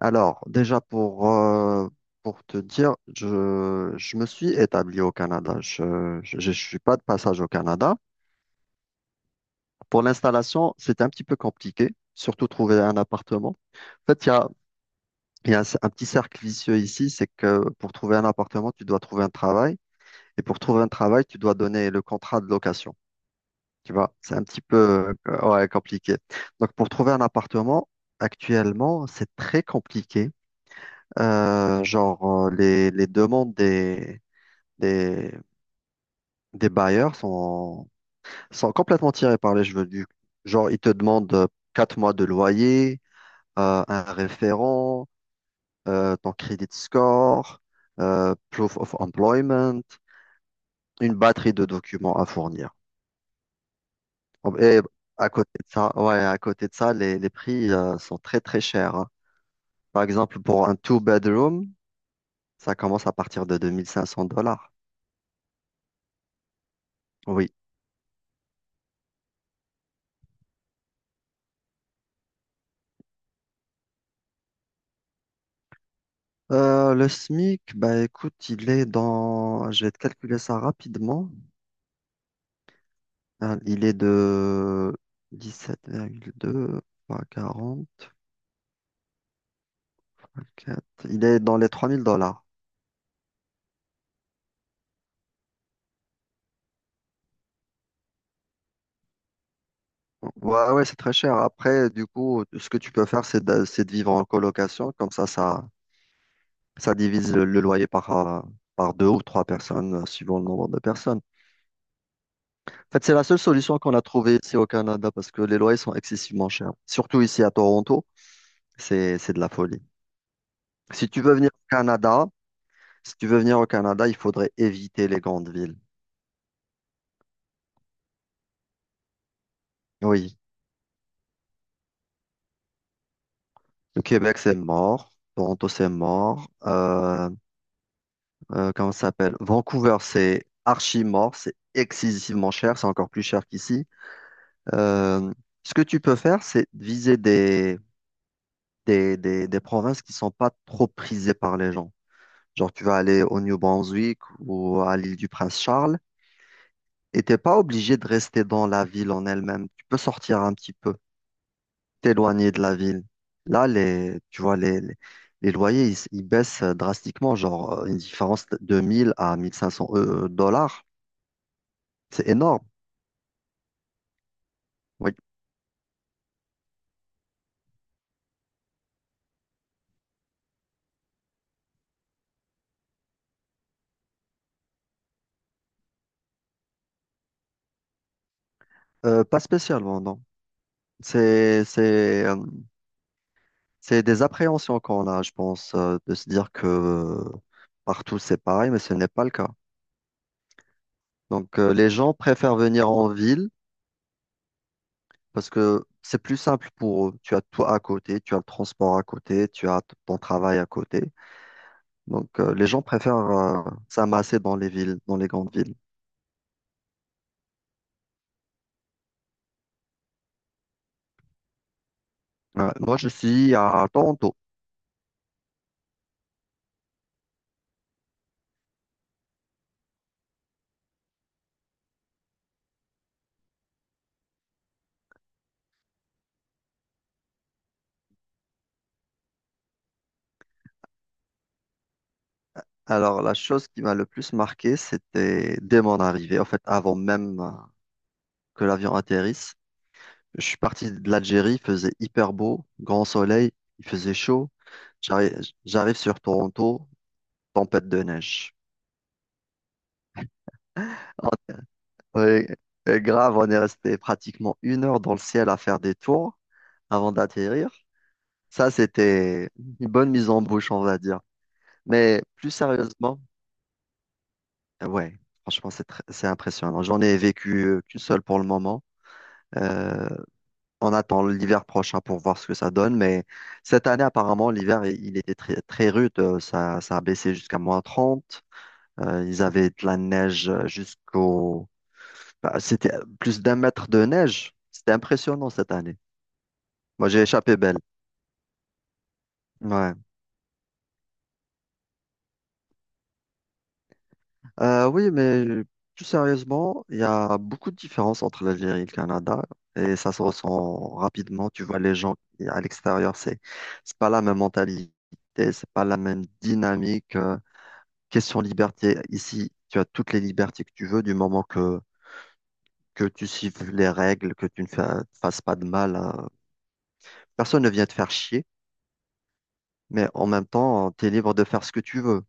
Alors, déjà pour te dire, je me suis établi au Canada. Je ne suis pas de passage au Canada. Pour l'installation, c'était un petit peu compliqué, surtout trouver un appartement. En fait, il y a un petit cercle vicieux ici, c'est que pour trouver un appartement, tu dois trouver un travail. Et pour trouver un travail, tu dois donner le contrat de location. Tu vois, c'est un petit peu ouais, compliqué. Donc, pour trouver un appartement, actuellement, c'est très compliqué. Genre, les demandes des, des bailleurs sont complètement tirées par les cheveux. Genre, ils te demandent 4 mois de loyer, un référent, ton credit score, proof of employment, une batterie de documents à fournir. Et à côté de ça, ouais, à côté de ça, les prix, sont très, très chers, hein. Par exemple, pour un two-bedroom, ça commence à partir de 2500 dollars. Oui. Le SMIC, bah écoute, il est dans, je vais te calculer ça rapidement. Il est de 17,2 fois 40, fois 4. Il est dans les 3000 dollars. Ouais, ouais, c'est très cher. Après, du coup, ce que tu peux faire, c'est de vivre en colocation. Comme ça, ça divise le loyer par deux ou trois personnes, suivant le nombre de personnes. En fait, c'est la seule solution qu'on a trouvée ici au Canada parce que les loyers sont excessivement chers. Surtout ici à Toronto, c'est de la folie. Si tu veux venir au Canada, si tu veux venir au Canada, il faudrait éviter les grandes villes. Oui, le Québec, c'est mort. Toronto, c'est mort. Comment ça s'appelle? Vancouver, c'est archi mort. C'est excessivement cher. C'est encore plus cher qu'ici. Euh, Ce que tu peux faire, c'est viser des provinces qui sont pas trop prisées par les gens. Genre, tu vas aller au New Brunswick ou à l'île du Prince-Charles et t'es pas obligé de rester dans la ville en elle-même. Tu peux sortir un petit peu, t'éloigner de la ville. Là, tu vois, les loyers, ils baissent drastiquement, genre une différence de 1 000 à 1 500 dollars. C'est énorme, oui. Pas spécialement, non. C'est, c'est, euh, c'est des appréhensions qu'on a, je pense, de se dire que partout c'est pareil, mais ce n'est pas le cas. Donc, les gens préfèrent venir en ville parce que c'est plus simple pour eux. Tu as toi à côté, tu as le transport à côté, tu as ton travail à côté. Donc, les gens préfèrent s'amasser dans les villes, dans les grandes villes. Ouais. Moi, je suis à Toronto. Alors, la chose qui m'a le plus marqué, c'était dès mon arrivée, en fait, avant même que l'avion atterrisse. Je suis parti de l'Algérie, il faisait hyper beau, grand soleil, il faisait chaud. J'arrive, j'arrive sur Toronto, tempête de neige. Ouais, et grave, on est resté pratiquement 1 heure dans le ciel à faire des tours avant d'atterrir. Ça, c'était une bonne mise en bouche, on va dire. Mais plus sérieusement, ouais, franchement, c'est impressionnant. J'en ai vécu qu'une seule pour le moment. Euh, on attend l'hiver prochain pour voir ce que ça donne. Mais cette année, apparemment, l'hiver, il était très, très rude. Ça a baissé jusqu'à -30. Ils avaient de la neige. Bah, c'était plus d'1 mètre de neige. C'était impressionnant cette année. Moi, j'ai échappé belle. Ouais. Oui, mais plus sérieusement, il y a beaucoup de différences entre l'Algérie et le Canada et ça se ressent rapidement. Tu vois, les gens à l'extérieur, c'est pas la même mentalité, c'est pas la même dynamique. Question liberté, ici, tu as toutes les libertés que tu veux du moment que tu suives les règles, que tu ne fasses pas de mal. Personne ne vient te faire chier, mais en même temps, tu es libre de faire ce que tu veux.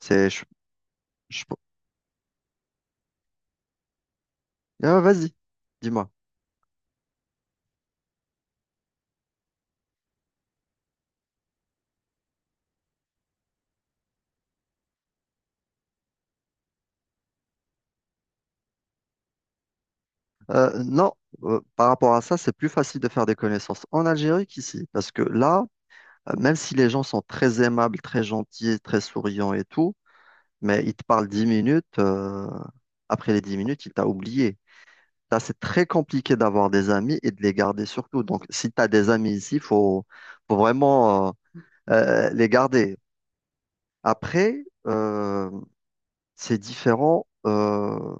C'est, je- je- vas-y, dis-moi. Non, par rapport à ça, c'est plus facile de faire des connaissances en Algérie qu'ici, parce que là, même si les gens sont très aimables, très gentils, très souriants et tout, mais ils te parlent 10 minutes, après les 10 minutes, ils t'ont oublié. Là, c'est très compliqué d'avoir des amis et de les garder surtout. Donc, si tu as des amis ici, il faut vraiment les garder. Après, c'est différent.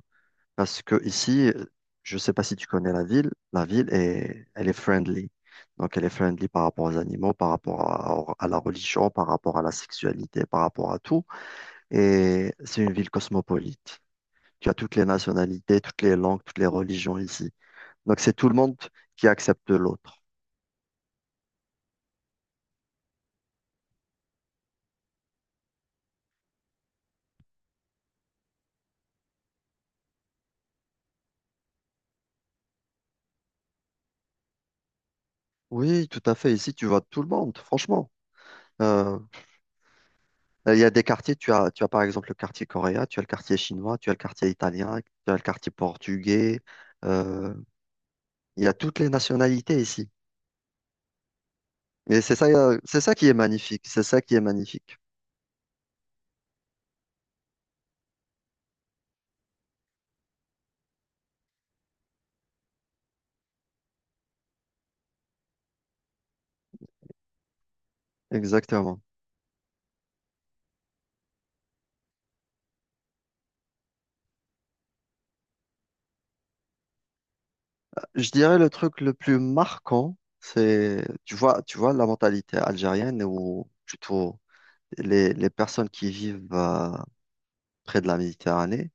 Parce que ici, je ne sais pas si tu connais la ville, elle est friendly. Donc, elle est friendly par rapport aux animaux, par rapport à la religion, par rapport à la sexualité, par rapport à tout. Et c'est une ville cosmopolite. Tu as toutes les nationalités, toutes les langues, toutes les religions ici. Donc, c'est tout le monde qui accepte l'autre. Oui, tout à fait. Ici, tu vois tout le monde, franchement. Euh, il y a des quartiers, tu as par exemple le quartier coréen, tu as le quartier chinois, tu as le quartier italien, tu as le quartier portugais. euh, Il y a toutes les nationalités ici. Et c'est ça qui est magnifique. C'est ça qui est magnifique. Exactement. Je dirais le truc le plus marquant, tu vois la mentalité algérienne ou plutôt les personnes qui vivent près de la Méditerranée.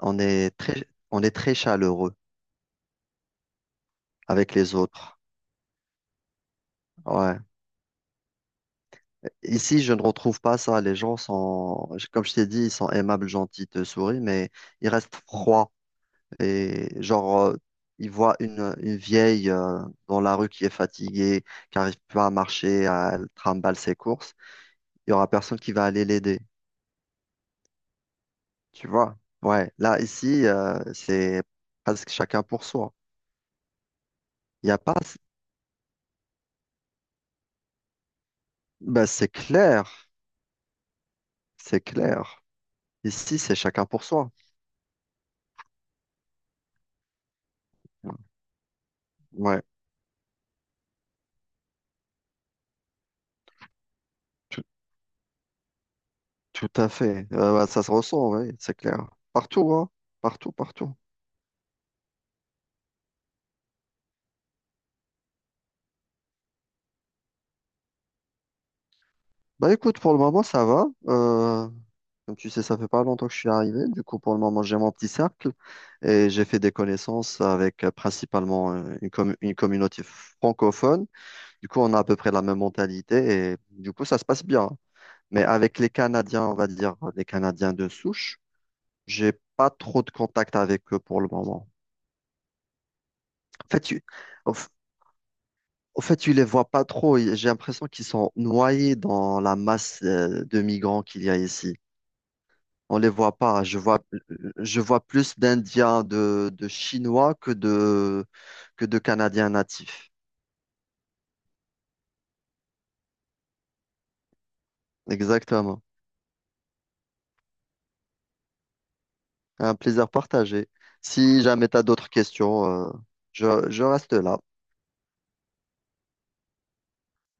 On est très chaleureux avec les autres. Ouais. Ici, je ne retrouve pas ça. Les gens sont, comme je t'ai dit, ils sont aimables, gentils, te sourient, mais ils restent froids. Et genre, il voit une vieille dans la rue qui est fatiguée, qui n'arrive pas à marcher, elle trimballe ses courses. Il y aura personne qui va aller l'aider. Tu vois? Ouais. Là, ici, c'est presque chacun pour soi. Il n'y a pas. Ben, c'est clair. C'est clair. Ici, c'est chacun pour soi. Ouais. Tout, tout à fait. Ouais, ça se ressent, oui, c'est clair. Partout, hein. Partout, partout. Bah écoute, pour le moment, ça va. Comme tu sais, ça fait pas longtemps que je suis arrivé. Du coup, pour le moment, j'ai mon petit cercle et j'ai fait des connaissances avec principalement une communauté francophone. Du coup, on a à peu près la même mentalité et du coup, ça se passe bien. Mais avec les Canadiens, on va dire les Canadiens de souche, j'ai pas trop de contact avec eux pour le moment. En fait, au f- au fait, tu les vois pas trop. J'ai l'impression qu'ils sont noyés dans la masse de migrants qu'il y a ici. On les voit pas. Je vois plus d'Indiens, de Chinois que de Canadiens natifs. Exactement. Un plaisir partagé. Si jamais tu as d'autres questions, je reste là.